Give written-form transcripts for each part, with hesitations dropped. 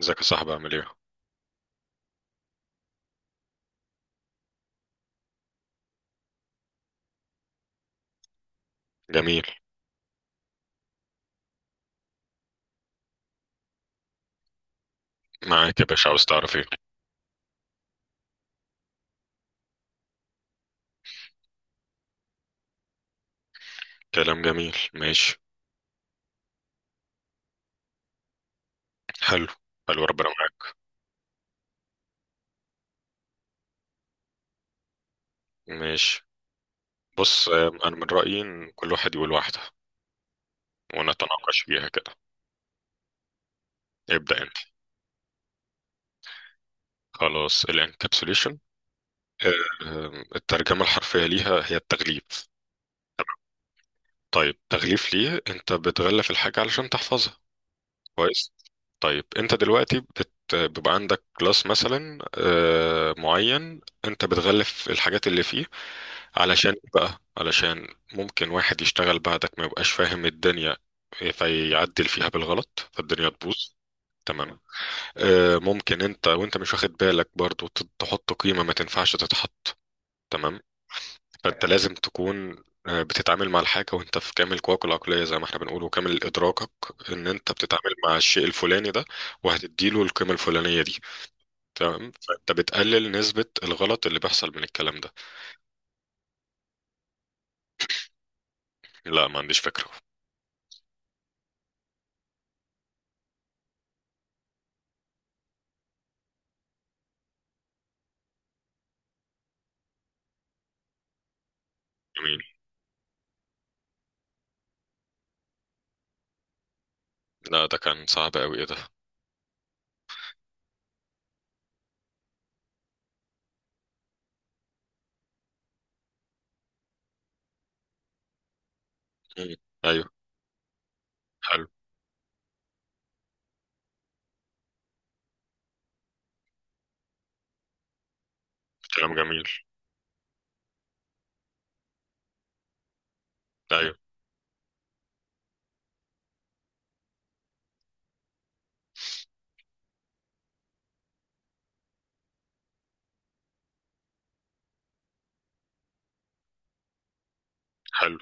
ازيك يا صاحبي، عامل ايه؟ جميل. معاك يا باشا، عاوز تعرف ايه؟ كلام جميل. ماشي. حلو، حلو. ربنا معاك. ماشي. بص، انا من رأيي ان كل واحد يقول واحدة ونتناقش فيها كده. ابدأ انت. خلاص، الانكابسوليشن الترجمة الحرفية ليها هي التغليف. طيب، تغليف ليه؟ انت بتغلف الحاجة علشان تحفظها. كويس. طيب انت دلوقتي بيبقى عندك كلاس مثلا معين، انت بتغلف الحاجات اللي فيه علشان بقى ممكن واحد يشتغل بعدك ما يبقاش فاهم الدنيا فيعدل فيها بالغلط فالدنيا تبوظ. تمام. ممكن انت وانت مش واخد بالك برضو تحط قيمة ما تنفعش تتحط. تمام. فانت لازم تكون بتتعامل مع الحاجة وانت في كامل قواك العقلية، زي ما احنا بنقول، وكامل ادراكك ان انت بتتعامل مع الشيء الفلاني ده وهتديله القيمة الفلانية دي. تمام. فانت بتقلل نسبة الغلط اللي بيحصل من الكلام ده. لا، ما عنديش فكرة. جميل. لا، ده كان صعب قوي. ايه ده؟ مم. ايوه. حلو. كلام جميل. ايوه. حلو.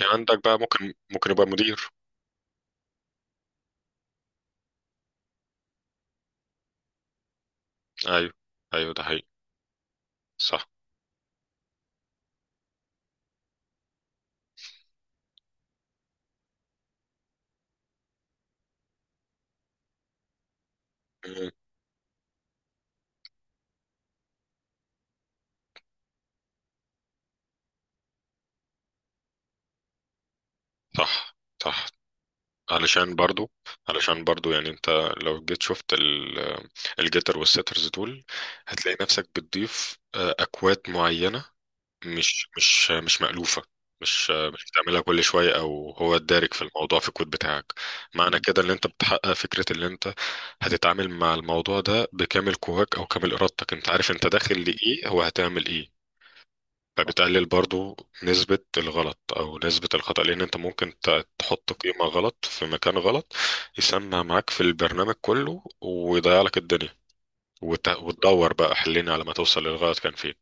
يعني عندك بقى، ممكن يبقى مدير. ايوه، ايوه، ده حقيقي. صح. مم. صح، صح. علشان برضو علشان برضو يعني انت لو جيت شفت الجيتر والسيترز دول هتلاقي نفسك بتضيف اكواد معينة مش مألوفة، مش بتعملها كل شوية او هو الدارج في الموضوع في الكود بتاعك. معنى كده ان انت بتحقق فكرة ان انت هتتعامل مع الموضوع ده بكامل قواك او كامل ارادتك، انت عارف انت داخل لايه، هو هتعمل ايه. فبتقلل برضو نسبة الغلط أو نسبة الخطأ، لأن أنت ممكن تحط قيمة غلط في مكان غلط يسمع معاك في البرنامج كله ويضيع لك الدنيا، وتدور بقى حلين على ما توصل للغلط كان فين.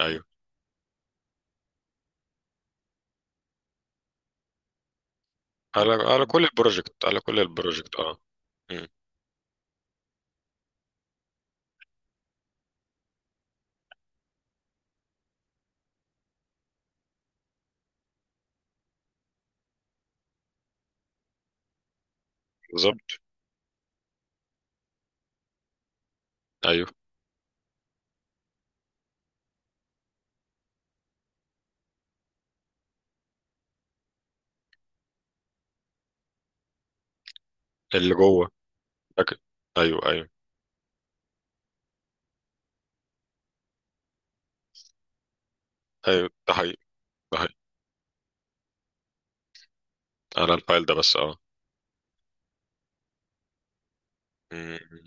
أيوه. على كل البروجكت، على كل البروجكت، أه. مم. بالظبط. أيوه. اللي جوه. لكن- أيوه، أيوه. أيوه، ده حقيقي. ده حقيقي. على الفايل ده بس، أه. مم.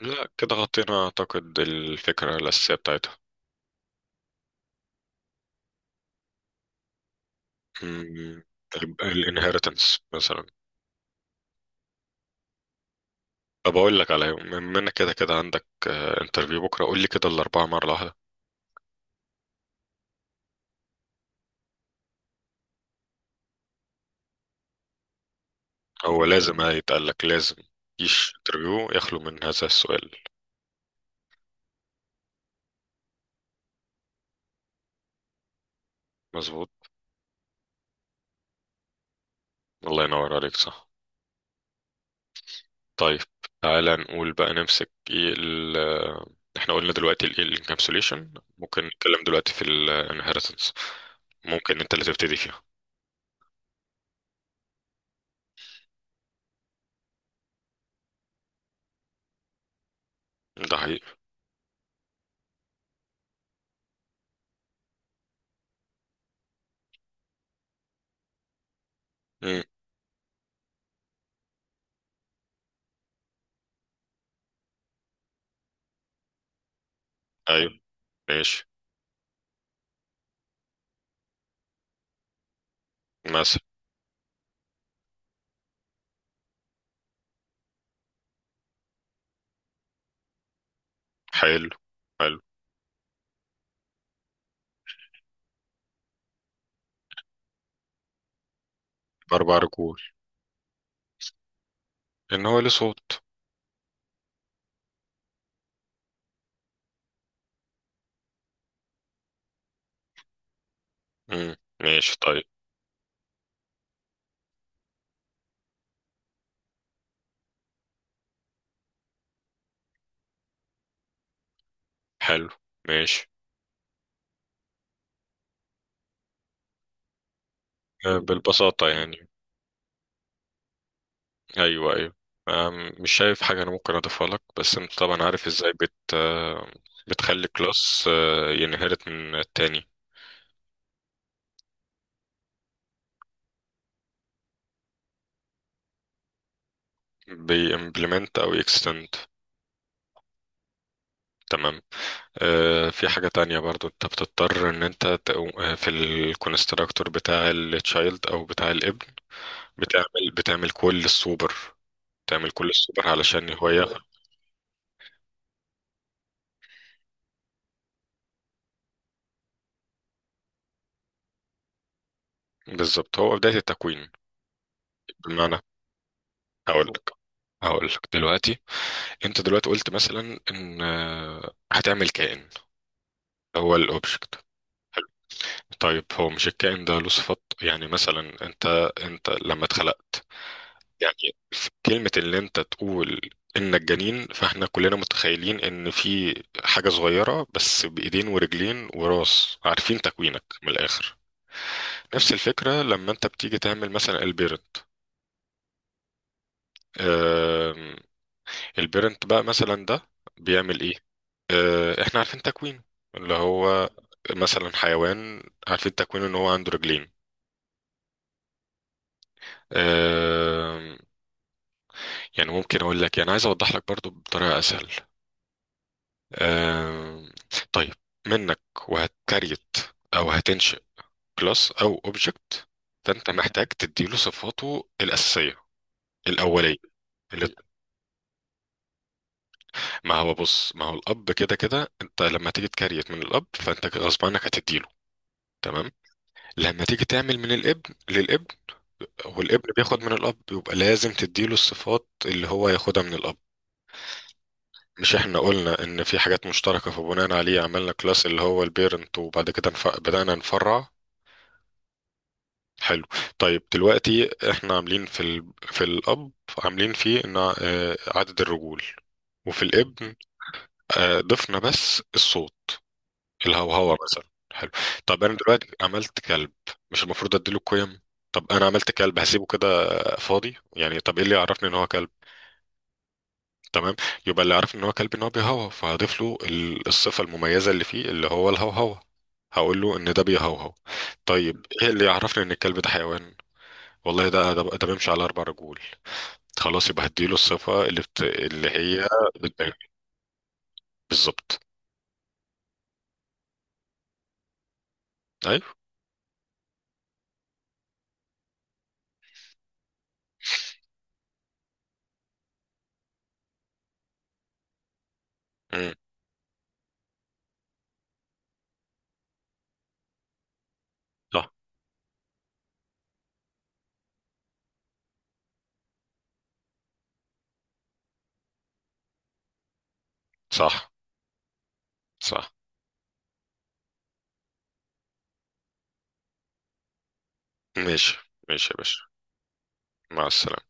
لا، كده غطينا أعتقد الفكرة الأساسية بتاعتها. مم. الانهيرتنس مثلا. طب اقول لك، على بما انك كده كده عندك انترفيو بكره، قول لي كده الاربعه مره واحده. هو لازم هيتقال لك، لازم. مفيش انترفيو يخلو من هذا السؤال. مظبوط. الله ينور عليك، صح. طيب تعالى نقول بقى، نمسك ايه ال آه، احنا قلنا دلوقتي الايه الانكابسوليشن، ممكن نتكلم دلوقتي في الانهيرتنس. ممكن انت اللي تبتدي فيها. ده حقيقي. مم. ايوه. ماشي. مثلا. حلو، حلو. اربع رجول. ان هو ليه صوت. مم. ماشي. طيب. حلو. ماشي. بالبساطة يعني. أيوه، أيوه. مش شايف حاجة أنا ممكن أضيفها لك، بس أنت طبعا عارف إزاي بت آه، بتخلي كلاس ينهرت من التاني. بيمبلمنت أو يكستند. تمام. في حاجة تانية برضو، أنت بتضطر إن أنت في الكونستراكتور بتاع التشايلد أو بتاع الابن بتعمل كل السوبر. تعمل كل السوبر علشان هو ياخد. بالظبط، هو بداية التكوين. بمعنى، هقول لك هقول لك دلوقتي انت دلوقتي قلت مثلا ان هتعمل كائن. هو الاوبجكت. حلو. طيب هو مش الكائن ده له صفات؟ يعني مثلا انت لما اتخلقت، يعني في كلمة اللي انت تقول انك جنين، فاحنا كلنا متخيلين ان في حاجة صغيرة بس بايدين ورجلين وراس، عارفين تكوينك من الاخر. نفس الفكرة لما انت بتيجي تعمل مثلا البيرنت. آم، البيرنت بقى مثلا ده بيعمل ايه؟ احنا عارفين تكوينه اللي هو مثلا حيوان، عارفين تكوينه ان هو عنده رجلين. آه، يعني ممكن اقول لك، يعني عايز اوضح لك برضو بطريقة اسهل. آه، طيب. منك وهتكريت او هتنشئ كلاس او اوبجكت، فانت محتاج تديله صفاته الاساسية الاولية. اللي- ما هو بص، ما هو الاب كده كده انت لما تيجي تكريت من الاب فانت غصب عنك هتديله. تمام. لما تيجي تعمل من الابن للابن، والابن بياخد من الاب، بيبقى لازم تديله الصفات اللي هو ياخدها من الاب. مش احنا قلنا ان في حاجات مشتركة فبناء عليه عملنا كلاس اللي هو البيرنت، وبعد كده بدأنا نفرع. حلو. طيب دلوقتي احنا عاملين في الاب، عاملين فيه ان عدد الرجول، وفي الابن ضفنا بس الصوت، الهوهوة مثلا. حلو. طب انا دلوقتي عملت كلب، مش المفروض اديله القيم؟ طب انا عملت كلب هسيبه كده فاضي يعني؟ طب ايه اللي يعرفني ان هو كلب؟ تمام، يبقى اللي عارف ان هو كلب ان هو بيهوهو، فهضيف له الصفة المميزة اللي فيه اللي هو الهوهوة، هقول له ان ده بيهوهو. طيب ايه اللي يعرفني ان الكلب ده حيوان؟ والله ده بيمشي على اربع رجول. خلاص يبقى هديله الصفة اللي هي بتبين. بالظبط. ايوه. مم. صح، صح، صح. ماشي. ماشي يا باشا، مع السلامة.